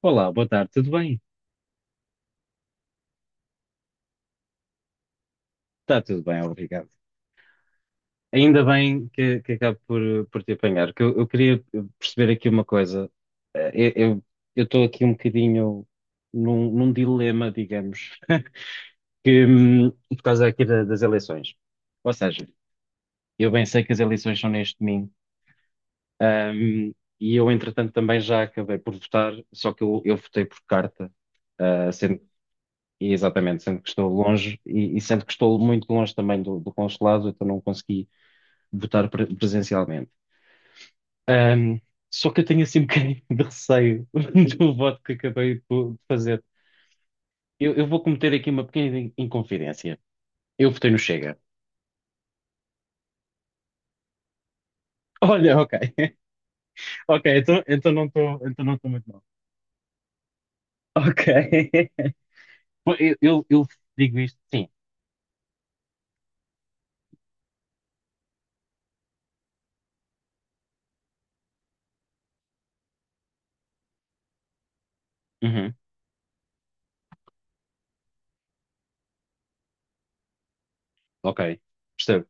Olá, boa tarde, tudo bem? Está tudo bem, obrigado. Ainda bem que acabo por te apanhar, que eu queria perceber aqui uma coisa. Eh, Eu eu estou aqui um bocadinho num dilema, digamos, que, por causa aqui das eleições. Ou seja, eu bem sei que as eleições são neste domingo, hum, e eu, entretanto, também já acabei por votar, só que eu votei por carta, ah, sendo, e exatamente, sendo que estou longe, e sendo que estou muito longe também do consulado, então não consegui votar presencialmente. Só que eu tenho assim um bocadinho de receio do voto que acabei de fazer. Eu vou cometer aqui uma pequena inconfidência. Eu votei no Chega. Olha, ok. Ok, então não estou muito mal. Ok. Pô, eu digo isto, sim. Uhum, ok. Percebo.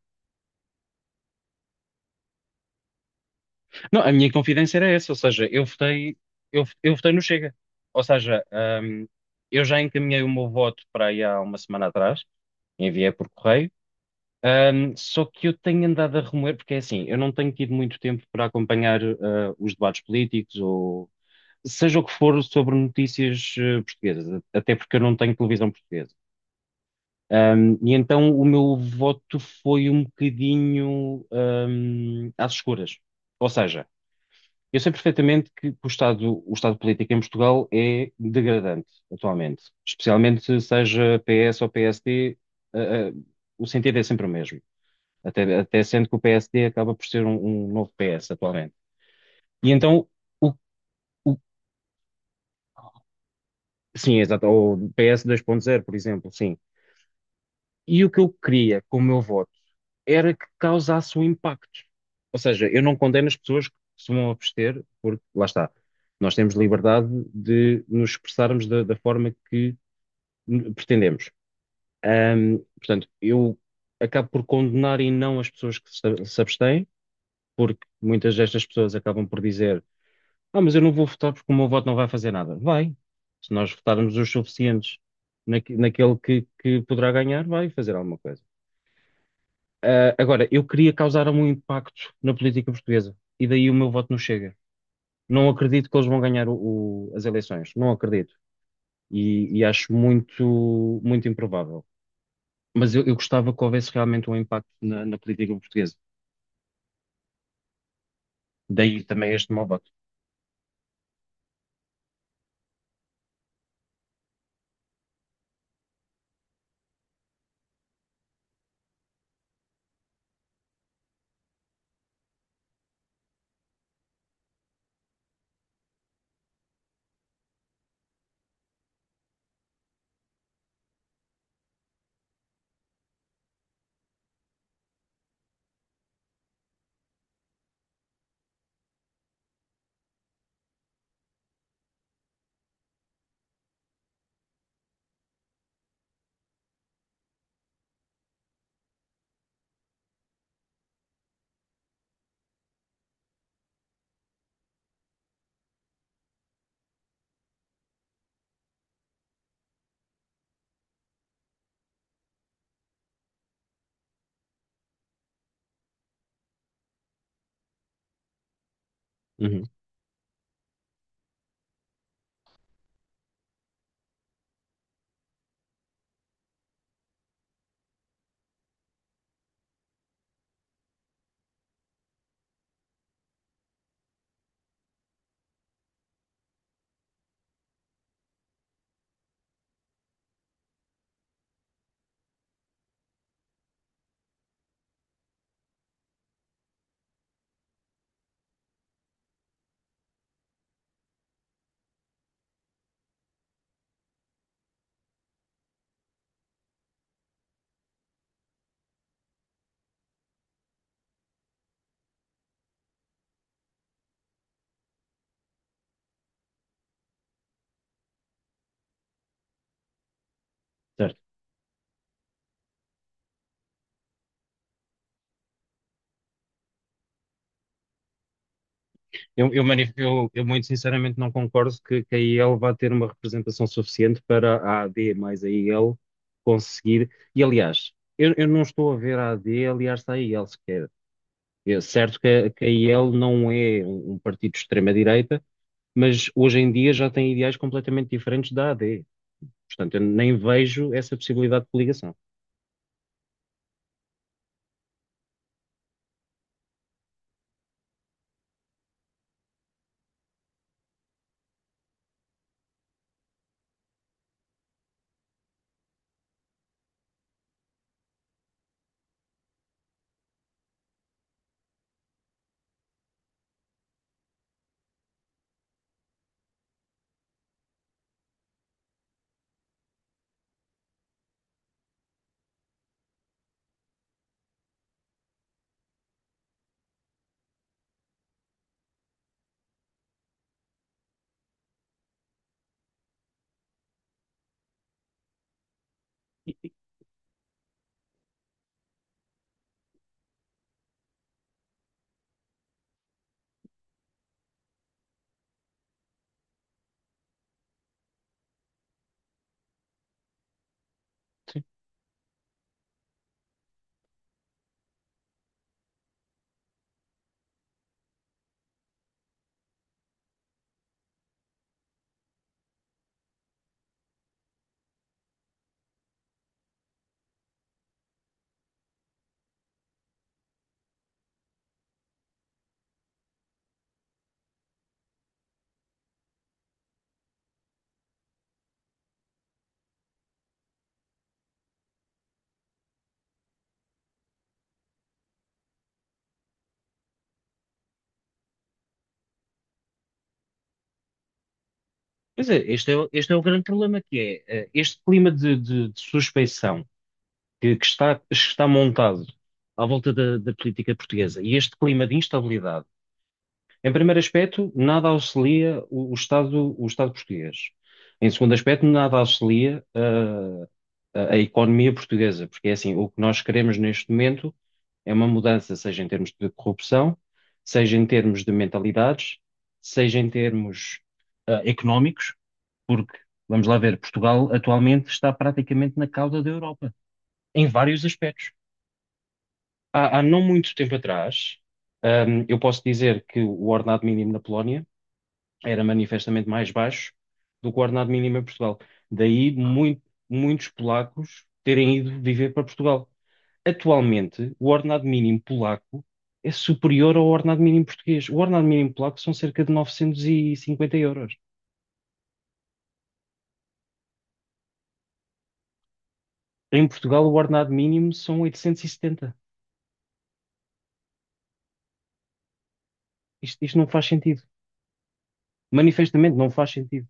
Não, a minha confidência era essa, ou seja, eu votei, eu votei no Chega. Ou seja, hum, eu já encaminhei o meu voto para aí há uma semana atrás, enviei por correio. Só que eu tenho andado a remoer, porque é assim, eu não tenho tido muito tempo para acompanhar os debates políticos ou seja o que for sobre notícias portuguesas, até porque eu não tenho televisão portuguesa. E então o meu voto foi um bocadinho às escuras. Ou seja, eu sei perfeitamente que o estado político em Portugal é degradante atualmente, especialmente seja PS ou PSD, ah, ah, o sentido é sempre o mesmo. Até sendo que o PSD acaba por ser um, novo PS atualmente. E então, o, o- sim, exato, o PS zero por exemplo, sim. E o que eu queria com o meu voto era que causasse um impacto. Ou seja, eu não condeno as pessoas que se vão abster, porque, lá está, nós temos liberdade de nos expressarmos da forma que pretendemos. Portanto, eu acabo por condenar e não as pessoas que se abstêm, porque muitas destas pessoas acabam por dizer Ah, mas eu não vou votar porque o meu voto não vai fazer nada. Vai. Se nós votarmos os suficientes naquele que poderá ganhar, vai fazer alguma coisa. Agora, eu queria causar um impacto na política portuguesa e daí o meu voto não chega. Não acredito que eles vão ganhar as eleições. Não acredito. E acho muito, muito improvável. Mas eu gostava que houvesse realmente um impacto na política portuguesa. Daí também este meu voto. Uhum, certo. Eu muito sinceramente não concordo que a IEL vá ter uma representação suficiente para a AD mais a IEL conseguir. E aliás, eu não estou a ver a AD aliás à IEL sequer. É certo que a IEL não é um, partido de extrema-direita, mas hoje em dia já tem ideais completamente diferentes da AD. Portanto, eu nem vejo essa possibilidade de coligação. Pois é, este é o grande problema que é este clima de suspeição que está montado à volta da política portuguesa e este clima de instabilidade, em primeiro aspecto, nada auxilia o Estado português. Em segundo aspecto, nada auxilia a economia portuguesa, porque é assim, o que nós queremos neste momento é uma mudança, seja em termos de corrupção, seja em termos de mentalidades, seja em termos económicos, porque, vamos lá ver, Portugal atualmente está praticamente na cauda da Europa, em vários aspectos há não muito tempo atrás, eu posso dizer que o ordenado mínimo na Polónia era manifestamente mais baixo do que o ordenado mínimo em Portugal. Daí muitos polacos terem ido viver para Portugal. Atualmente, o ordenado mínimo polaco é superior ao ordenado mínimo português. O ordenado mínimo polaco são cerca de 950 euros. Em Portugal, o ordenado mínimo são 870. Isto não faz sentido. Manifestamente não faz sentido.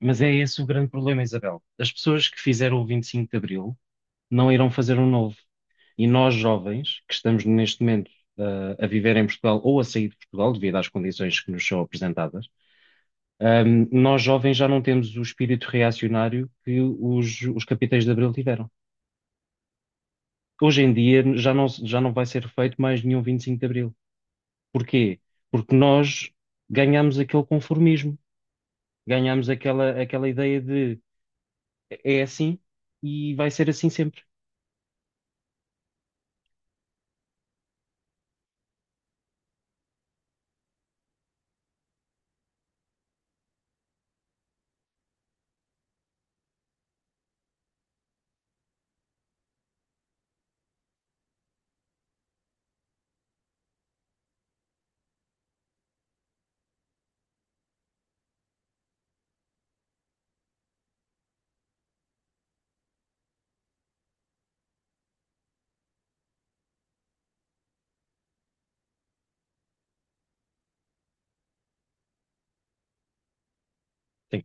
Mas é esse o grande problema, Isabel. As pessoas que fizeram o 25 de Abril não irão fazer um novo. E nós, jovens, que estamos neste momento a viver em Portugal ou a sair de Portugal, devido às condições que nos são apresentadas, nós, jovens, já não temos o espírito reacionário que os capitães de Abril tiveram. Hoje em dia já não vai ser feito mais nenhum 25 de Abril. Porquê? Porque nós ganhamos aquele conformismo, ganhamos aquela ideia de é assim e vai ser assim sempre. Sim,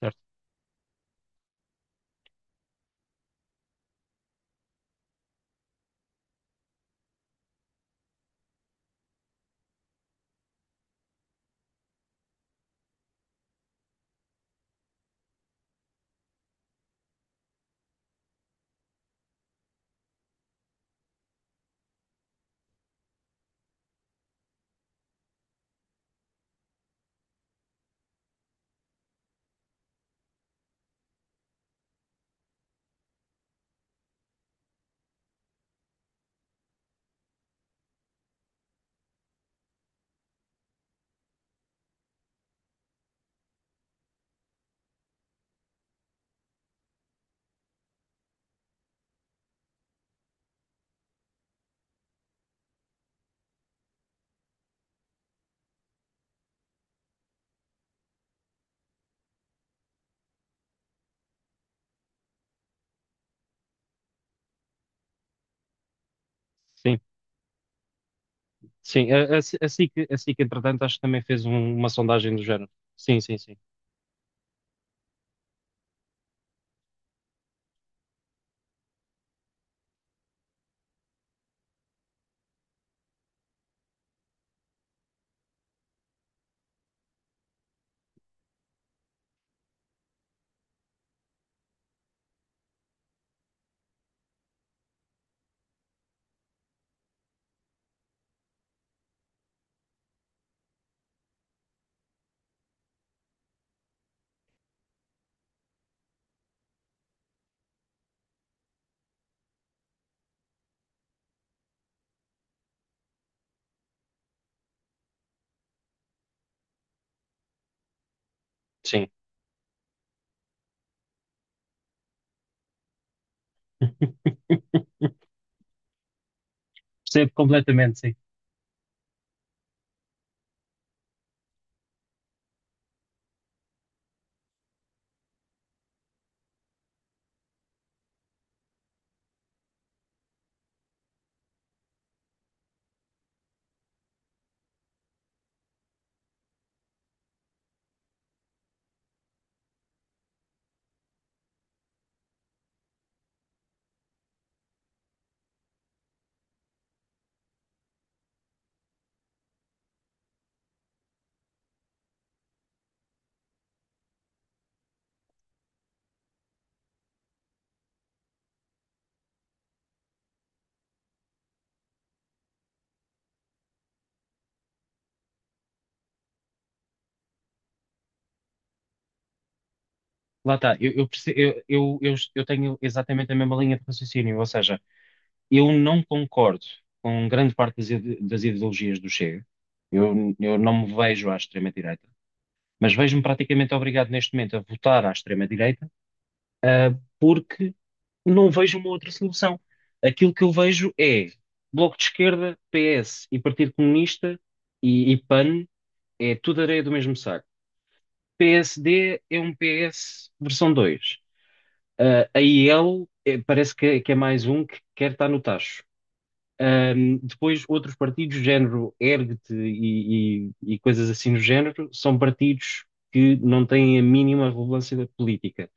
certo. Sim, sim. A SIC, entretanto, acho que também fez uma sondagem do género. Sim, sim, sim. Sim. Percebo completamente, sim. Lá está, eu, perce- eu tenho exatamente a mesma linha de raciocínio, ou seja, eu não concordo com grande parte das ideologias do Chega, eu não me vejo à extrema-direita, mas vejo-me praticamente obrigado neste momento a votar à extrema-direita porque não vejo uma outra solução. Aquilo que eu vejo é Bloco de Esquerda, PS e Partido Comunista e PAN é tudo areia do mesmo saco. PSD é um PS versão 2. A IL parece é que é mais um que quer estar no tacho. Depois, outros partidos, género Ergt e coisas assim do género, são partidos que não têm a mínima relevância da política.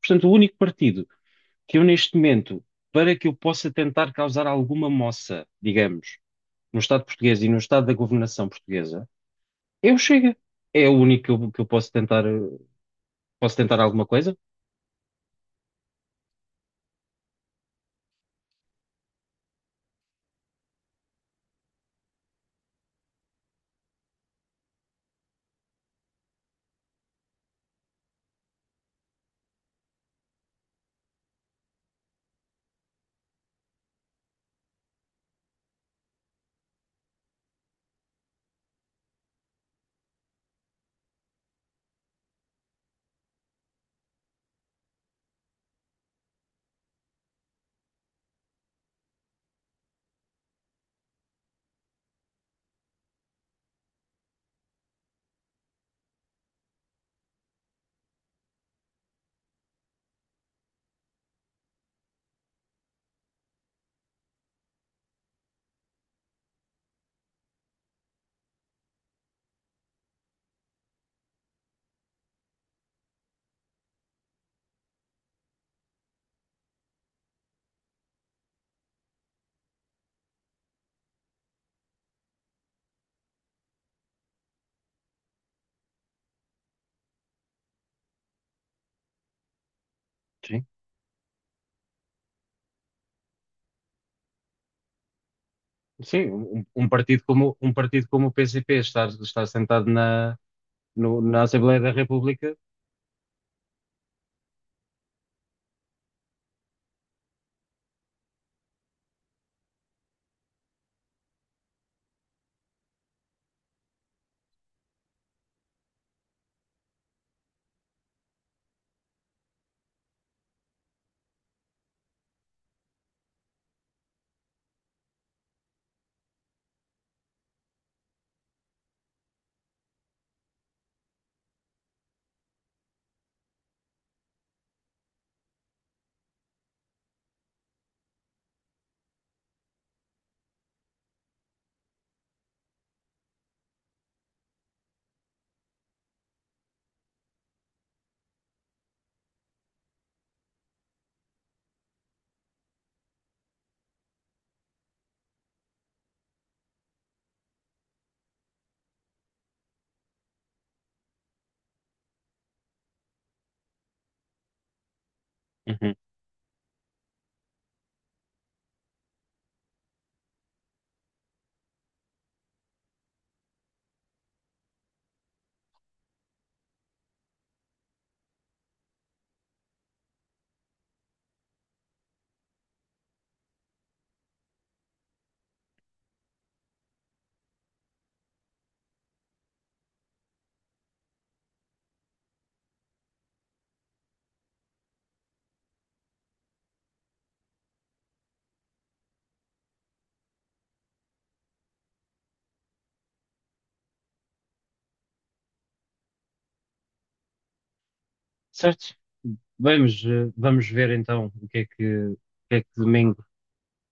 Portanto, o único partido que eu, neste momento, para que eu possa tentar causar alguma moça, digamos, no Estado português e no Estado da governação portuguesa, é o Chega. É o único que eu posso tentar alguma coisa. Sim. Sim, um partido como o PCP estar sentado na, no- na Assembleia da República. Uhum. Certo. Vamos ver então o que é que domingo,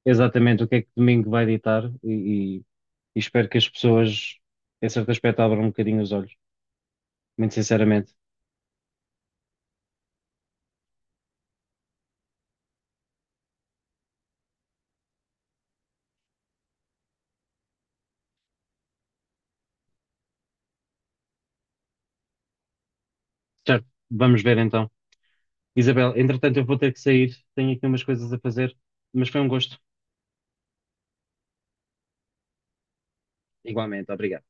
exatamente o que é que domingo vai ditar e espero que as pessoas, em certo aspecto, abram um bocadinho os olhos, muito sinceramente. Certo, vamos ver então. Isabel, entretanto, eu vou ter que sair, tenho aqui umas coisas a fazer, mas foi um gosto. Igualmente, obrigado.